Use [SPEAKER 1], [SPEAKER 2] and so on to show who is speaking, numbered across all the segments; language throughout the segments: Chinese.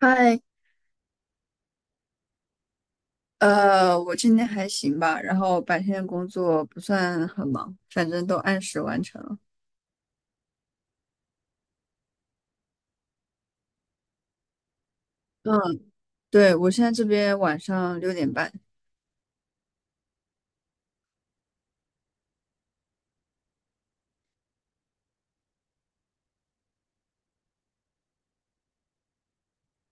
[SPEAKER 1] 嗨，我今天还行吧，然后白天的工作不算很忙，反正都按时完成了。嗯，对，我现在这边晚上6点半。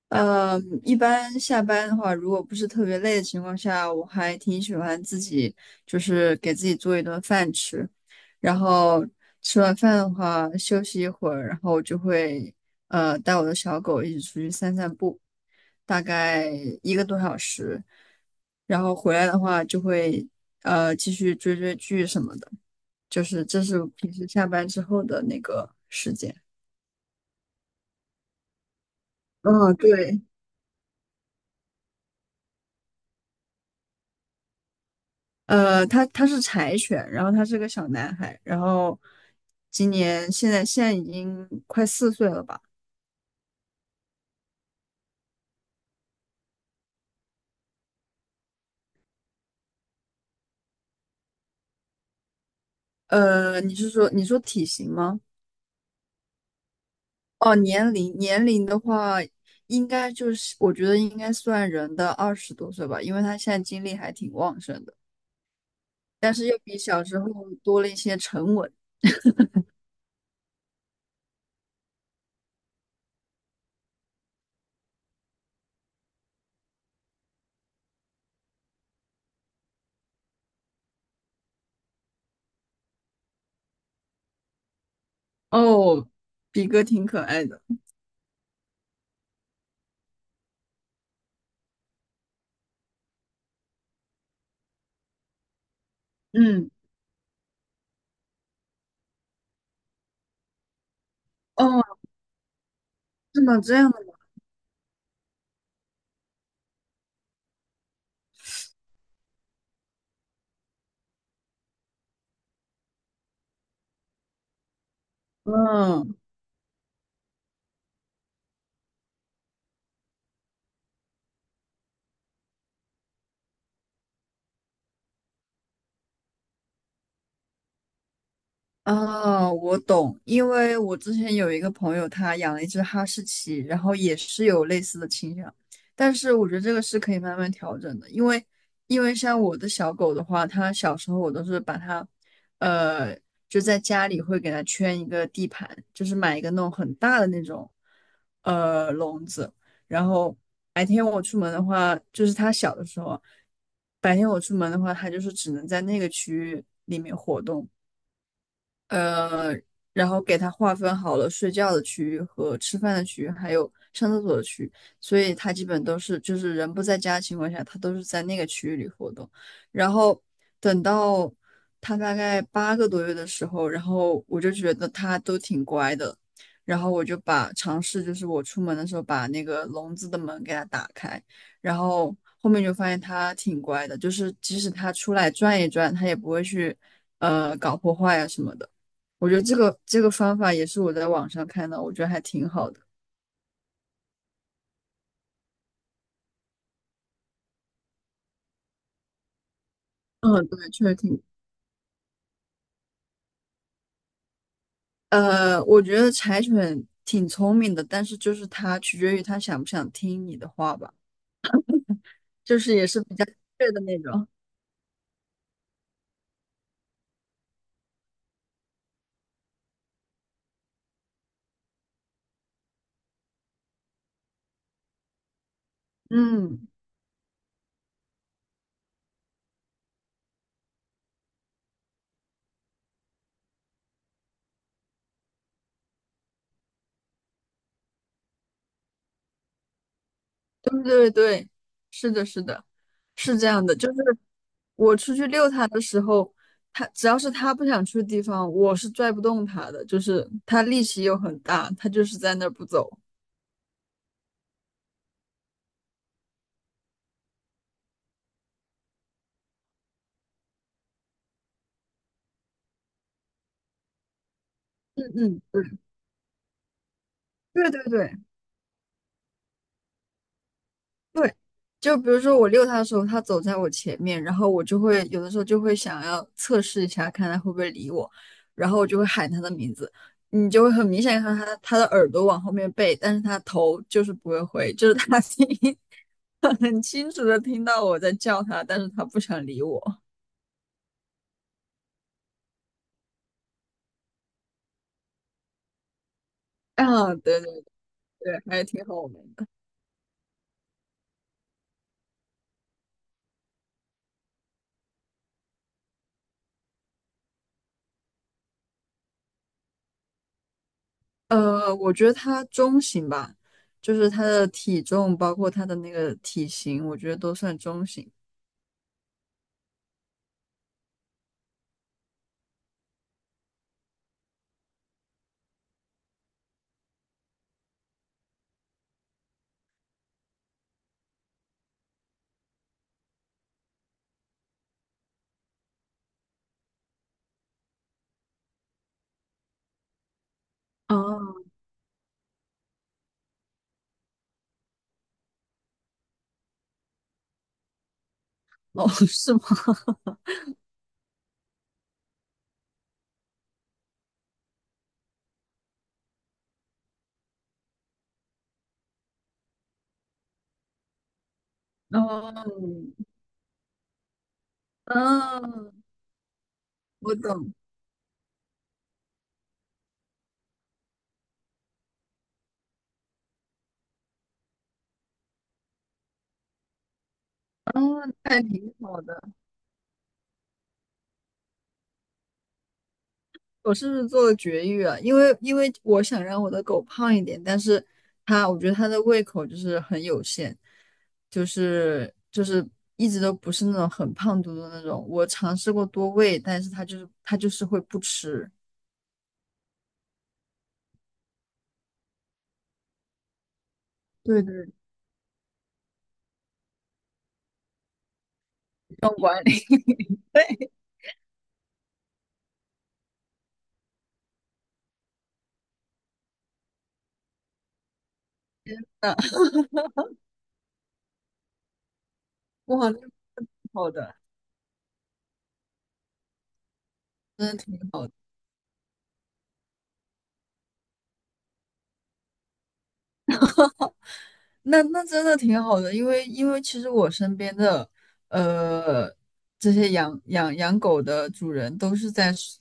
[SPEAKER 1] 呃，一般下班的话，如果不是特别累的情况下，我还挺喜欢自己，就是给自己做一顿饭吃，然后吃完饭的话，休息一会儿，然后我就会带我的小狗一起出去散散步，大概1个多小时，然后回来的话就会继续追追剧什么的，就是这是我平时下班之后的那个时间。嗯，对。他是柴犬，然后他是个小男孩，然后今年现在已经快4岁了吧？你说体型吗？哦，年龄的话，应该就是我觉得应该算人的20多岁吧，因为他现在精力还挺旺盛的，但是又比小时候多了一些沉稳。哦，比哥挺可爱的。嗯，哦，是吗？这样的，嗯。啊，我懂，因为我之前有一个朋友，他养了一只哈士奇，然后也是有类似的倾向，但是我觉得这个是可以慢慢调整的，因为像我的小狗的话，它小时候我都是把它，呃，就在家里会给它圈一个地盘，就是买一个那种很大的那种，笼子，然后白天我出门的话，就是它小的时候，白天我出门的话，它就是只能在那个区域里面活动。呃，然后给它划分好了睡觉的区域和吃饭的区域，还有上厕所的区域，所以它基本都是就是人不在家的情况下，它都是在那个区域里活动。然后等到它大概8个多月的时候，然后我就觉得它都挺乖的，然后我就把尝试就是我出门的时候把那个笼子的门给它打开，然后后面就发现它挺乖的，就是即使它出来转一转，它也不会去。搞破坏啊什么的。我觉得这个方法也是我在网上看到，我觉得还挺好的。嗯，对，确实挺，我觉得柴犬挺聪明的，但是就是它取决于它想不想听你的话吧，就是也是比较倔的那种。嗯，对对对，是的，是的，是这样的，就是我出去遛它的时候，它只要是它不想去的地方，我是拽不动它的，就是它力气又很大，它就是在那儿不走。嗯嗯，对对对对。对，就比如说我遛它的时候，它走在我前面，然后我就会有的时候就会想要测试一下，看它会不会理我，然后我就会喊它的名字，你就会很明显看到它的耳朵往后面背，但是它头就是不会回，就是它听 很清楚的听到我在叫它，但是它不想理我。啊，对对对，还是挺好玩的。我觉得它中型吧，就是它的体重，包括它的那个体型，我觉得都算中型。啊。哦，是吗？哦，嗯，我懂。嗯，那还挺好的。我是做了绝育啊，因为我想让我的狗胖一点，但是它，我觉得它的胃口就是很有限，就是一直都不是那种很胖嘟嘟的那种。我尝试过多喂，但是它就是会不吃。对对，要管理的，哇，那么好的，真的挺好。那真的挺好的，因为其实我身边的呃这些养狗的主人都是在是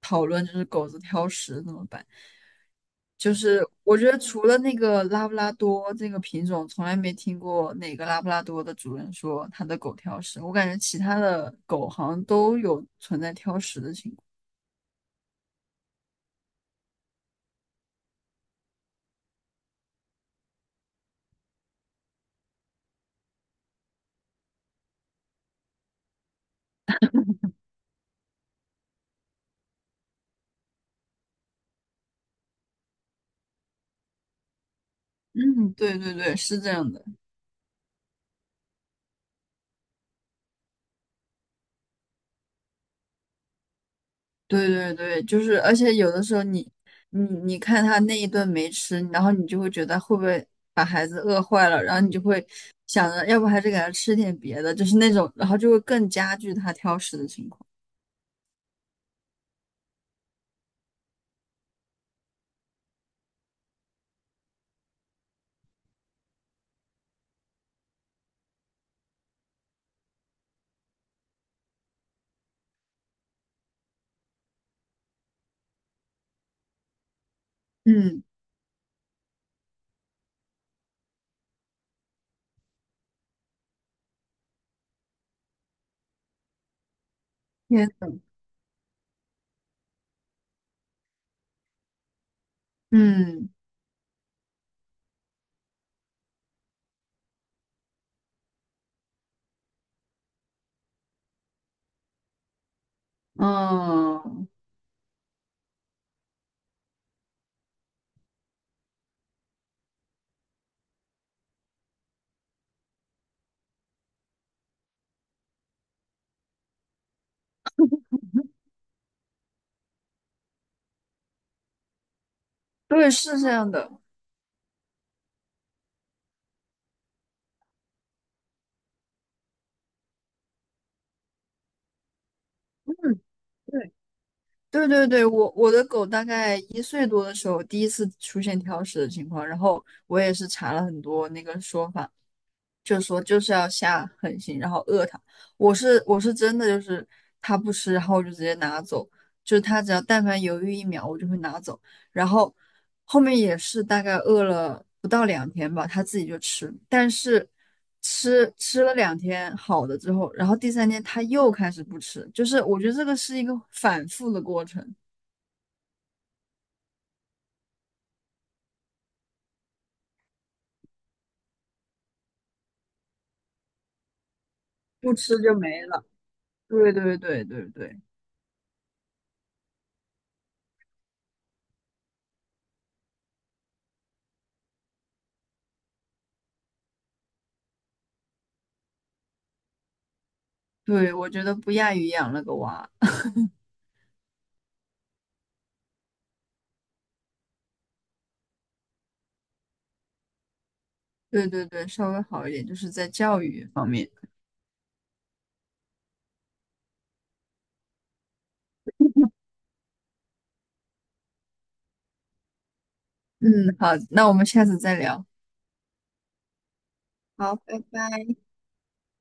[SPEAKER 1] 讨论，就是狗子挑食怎么办。就是我觉得除了那个拉布拉多这个品种，从来没听过哪个拉布拉多的主人说他的狗挑食。我感觉其他的狗好像都有存在挑食的情况。嗯，对对对，是这样的。对对对，就是，而且有的时候你，你看他那一顿没吃，然后你就会觉得会不会把孩子饿坏了，然后你就会想着，要不还是给他吃点别的，就是那种，然后就会更加剧他挑食的情况。嗯，天呐，嗯嗯，对，是这样的。嗯对对对对，我的狗大概1岁多的时候第一次出现挑食的情况，然后我也是查了很多那个说法。就说就是要下狠心，然后饿它。我是真的就是它不吃，然后我就直接拿走，就是它只要但凡犹豫1秒，我就会拿走。然后后面也是大概饿了不到两天吧，它自己就吃，但是吃了两天好了之后，然后第三天它又开始不吃，就是我觉得这个是一个反复的过程，不吃就没了。对对对对对对，我觉得不亚于养了个娃。对对对，稍微好一点，就是在教育方面。嗯，好，那我们下次再聊。好，拜拜。